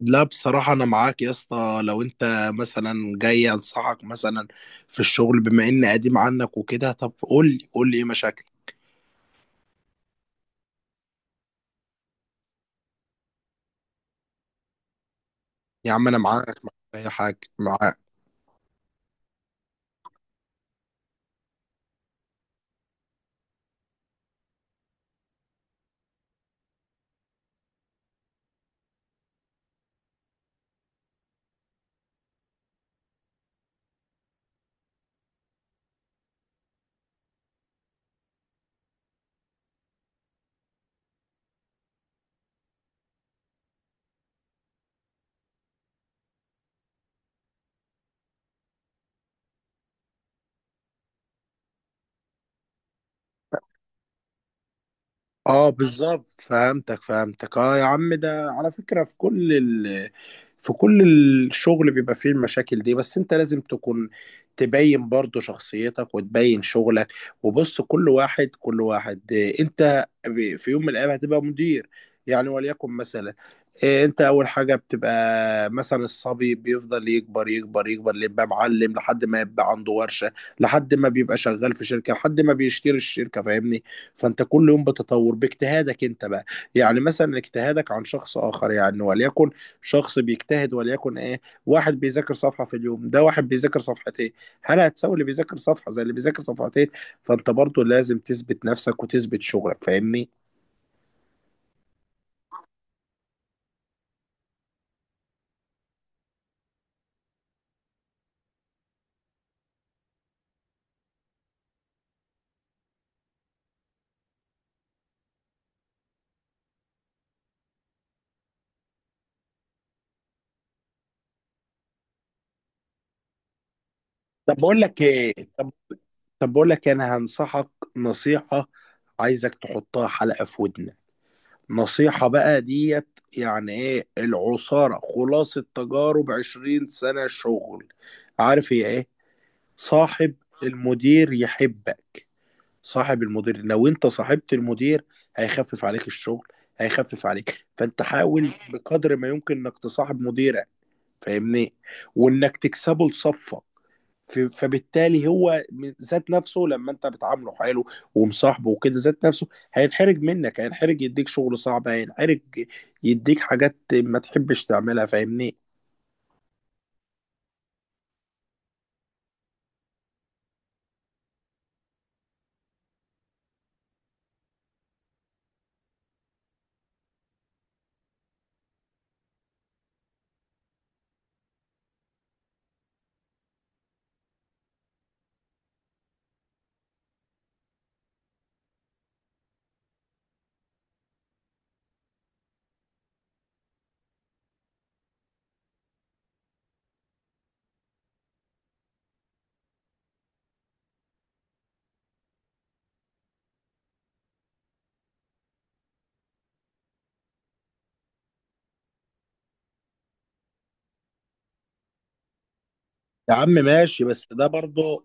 لا، بصراحة أنا معاك يا اسطى. لو أنت مثلا جاي أنصحك مثلا في الشغل بما إني قديم عنك وكده، طب قول لي إيه مشاكلك. يا عم أنا معاك، في أي حاجة معاك. اه بالظبط، فهمتك اه. يا عم ده على فكرة في في كل الشغل بيبقى فيه المشاكل دي، بس انت لازم تكون تبين برضو شخصيتك وتبين شغلك. وبص، كل واحد انت في يوم من الايام هتبقى مدير يعني، وليكن مثلا اه، انت اول حاجة بتبقى مثلا الصبي، بيفضل يكبر اللي يبقى معلم، لحد ما يبقى عنده ورشة، لحد ما بيبقى شغال في شركة، لحد ما بيشتري الشركة. فاهمني؟ فانت كل يوم بتتطور باجتهادك انت بقى، يعني مثلا اجتهادك عن شخص اخر. يعني وليكن شخص بيجتهد، وليكن ايه، واحد بيذاكر صفحة في اليوم، ده واحد بيذاكر صفحتين. هل هتساوي اللي بيذاكر صفحة زي اللي بيذاكر صفحتين؟ فانت برضو لازم تثبت نفسك وتثبت شغلك. فاهمني؟ طب بقول لك ايه طب طب بقول لك إيه، انا هنصحك نصيحة، عايزك تحطها حلقة في ودنك. نصيحة بقى ديت، يعني ايه؟ العصارة، خلاصة تجارب 20 سنة شغل. عارف هي ايه؟ صاحب المدير يحبك. صاحب المدير. لو انت صاحبت المدير هيخفف عليك الشغل، هيخفف عليك. فانت حاول بقدر ما يمكن انك تصاحب مديرك. فاهمني؟ وانك تكسبه لصفك. فبالتالي هو ذات نفسه لما انت بتعامله حلو ومصاحبه وكده، ذات نفسه هينحرج منك، هينحرج يديك شغل صعب، هينحرج يديك حاجات ما تحبش تعملها. فاهمني؟ يا عم ماشي، بس ده برضه،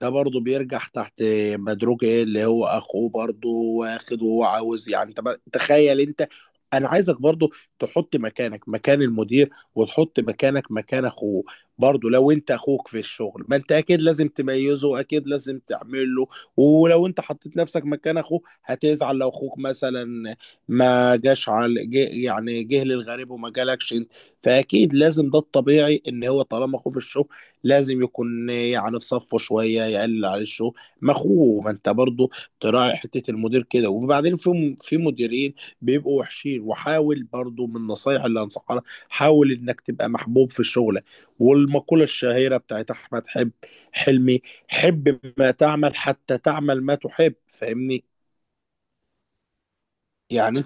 ده برضه بيرجع تحت. مدروك ايه اللي هو اخوه برضه واخد وهو عاوز. يعني انت تخيل انت، انا عايزك برضه تحط مكانك مكان المدير، وتحط مكانك مكان اخوه. برضه لو انت اخوك في الشغل، ما انت اكيد لازم تميزه، اكيد لازم تعمل له. ولو انت حطيت نفسك مكان اخوه هتزعل لو اخوك مثلا ما جاش على جه، يعني جه للغريب وما جالكش انت. فاكيد لازم، ده الطبيعي ان هو طالما اخوه في الشغل لازم يكون يعني في صفه شويه، يقلل عليه الشغل. ما اخوه. ما انت برضه تراعي حته المدير كده. وبعدين في مديرين بيبقوا وحشين. وحاول برضه، من النصايح اللي انصحها لك، حاول انك تبقى محبوب في شغلك. والمقوله الشهيره بتاعت احمد حب حلمي، حب ما تعمل حتى تعمل ما تحب. فاهمني؟ يعني.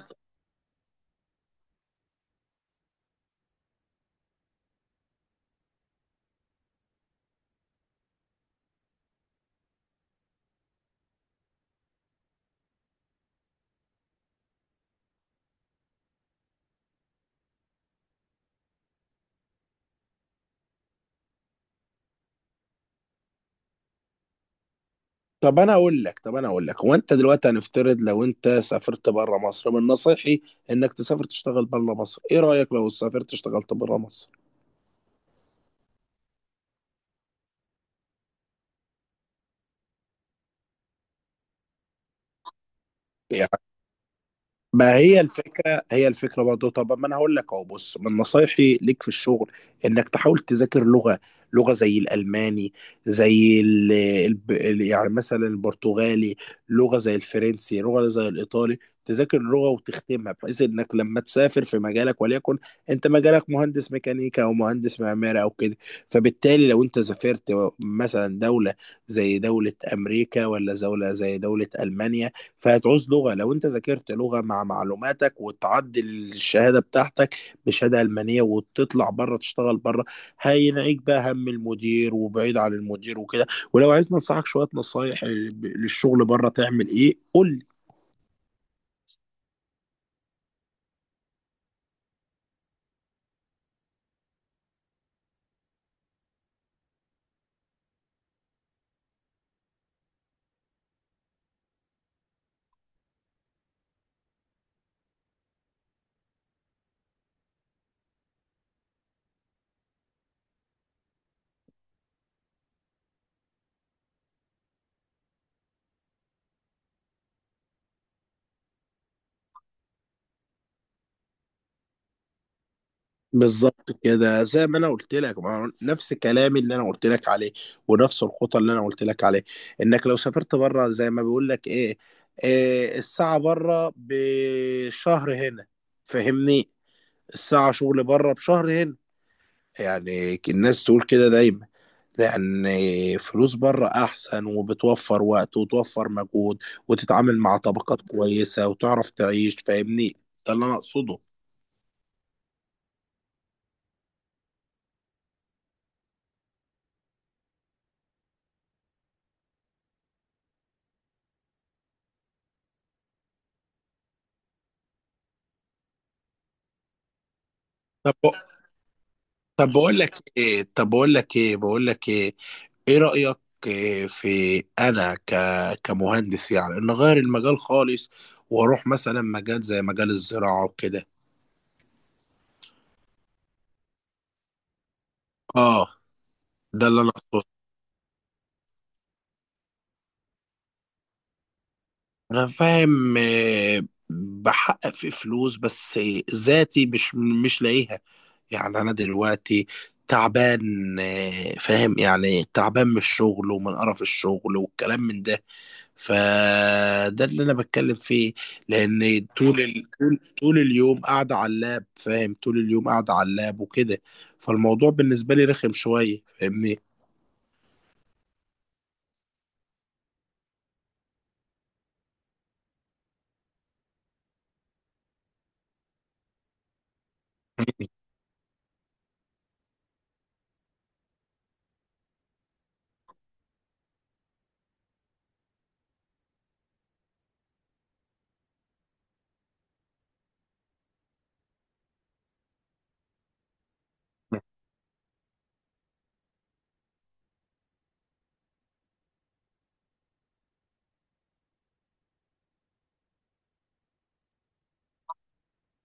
طب انا اقول لك طب انا اقول لك، هو انت دلوقتي هنفترض لو انت سافرت بره مصر، من نصيحي انك تسافر تشتغل بره مصر. ايه رايك لو سافرت اشتغلت بره مصر؟ يعني ما هي الفكرة، هي الفكرة برضه. طب ما انا هقول لك اهو، بص، من نصايحي ليك في الشغل انك تحاول تذاكر لغة. لغة زي الألماني، زي يعني مثلا البرتغالي، لغة زي الفرنسي، لغة زي الإيطالي. تذاكر اللغة وتختمها، بحيث انك لما تسافر في مجالك. وليكن انت مجالك مهندس ميكانيكا او مهندس معماري او كده، فبالتالي لو انت سافرت مثلا دولة زي دولة امريكا ولا دولة زي دولة ألمانيا، فهتعوز لغة. لو انت ذاكرت لغة مع معلوماتك، وتعدل الشهادة بتاعتك بشهادة ألمانية، وتطلع بره تشتغل بره، هينعيك بقى هم المدير، وبعيد عن المدير وكده. ولو عايز ننصحك شوية نصايح للشغل بره تعمل ايه، قول لي. بالظبط كده، زي ما انا قلت لك. ما هو نفس كلامي اللي انا قلت لك عليه، ونفس الخطة اللي انا قلت لك عليه، انك لو سافرت بره. زي ما بيقول لك ايه، إيه، الساعة بره بشهر هنا. فاهمني؟ الساعة شغل بره بشهر هنا، يعني الناس تقول كده دايما، لأن فلوس بره أحسن، وبتوفر وقت وتوفر مجهود، وتتعامل مع طبقات كويسة، وتعرف تعيش. فاهمني؟ ده اللي أنا أقصده. طب طب بقول لك إيه طب بقول لك إيه بقول لك إيه إيه رأيك إيه في أنا كمهندس يعني، إن أغير المجال خالص وأروح مثلا مجال زي مجال الزراعة وكده. آه، ده اللي أنا أقصده. انا فاهم بحقق في فلوس، بس ذاتي مش لاقيها. يعني انا دلوقتي تعبان. فاهم يعني، تعبان من الشغل ومن قرف الشغل والكلام من ده. فده اللي انا بتكلم فيه. لان طول اليوم قاعده على اللاب. فاهم؟ طول اليوم قاعده على اللاب وكده، فالموضوع بالنسبه لي رخم شويه. فاهمني؟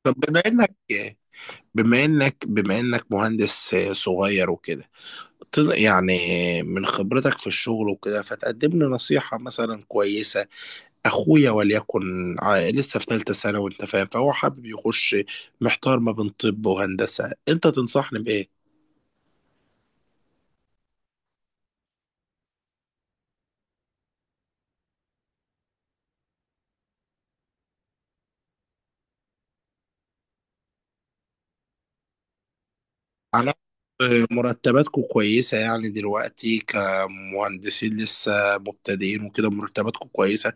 طب بما انك مهندس صغير وكده، يعني من خبرتك في الشغل وكده فتقدم لي نصيحة مثلا كويسة. أخويا، وليكن لسه في ثالثة ثانوي، أنت فاهم، فهو حابب يخش، محتار ما بين طب وهندسة. أنت تنصحني بإيه؟ أنا مرتباتكم كويسة يعني دلوقتي كمهندسين لسه مبتدئين وكده؟ مرتباتكم كويسة.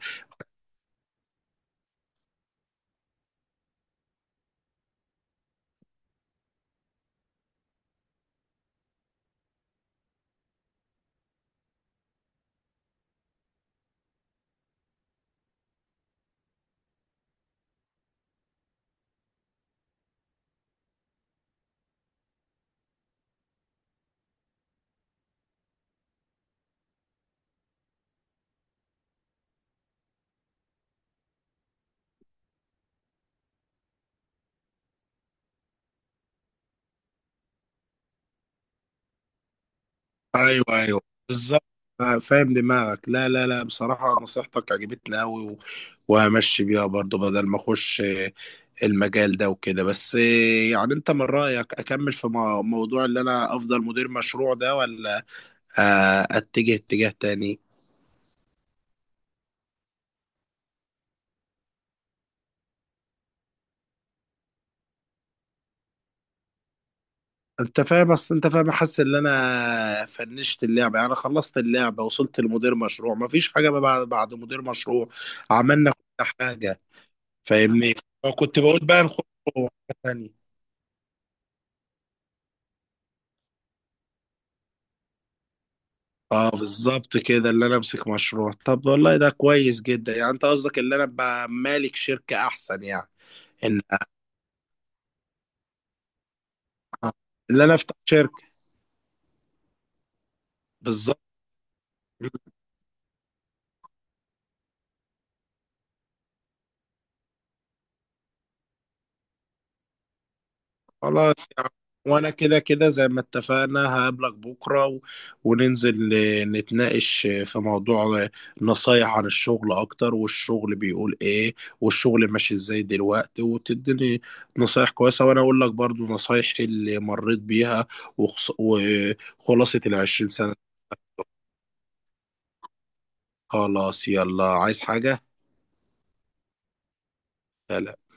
أيوه أيوه، بالظبط. فاهم دماغك. لا لا لا، بصراحة نصيحتك عجبتني أوي، وهمشي بيها برضو بدل ما أخش المجال ده وكده. بس يعني انت من رأيك اكمل في موضوع اللي انا افضل مدير مشروع ده، ولا اتجه اتجاه تاني؟ انت فاهم، اصل انت فاهم، حاسس ان انا فنشت اللعبه، يعني خلصت اللعبه، وصلت لمدير مشروع، مفيش حاجه بقى بعد مدير مشروع. عملنا كل حاجه. فاهمني؟ وكنت بقول بقى نخش في حاجه تانيه. اه بالظبط كده، اللي انا امسك مشروع. طب والله ده كويس جدا. يعني انت قصدك اللي انا ابقى مالك شركه احسن، يعني ان اللي انا افتح شركه. بالظبط. خلاص يعني، وانا كده كده زي ما اتفقنا هقابلك بكره وننزل نتناقش في موضوع، نصايح عن الشغل اكتر، والشغل بيقول ايه، والشغل ماشي ازاي دلوقتي، وتديني نصايح كويسه، وانا اقول لك برضو نصايح اللي مريت بيها وخلاصه ال20 سنه. خلاص، يلا، عايز حاجه؟ سلام.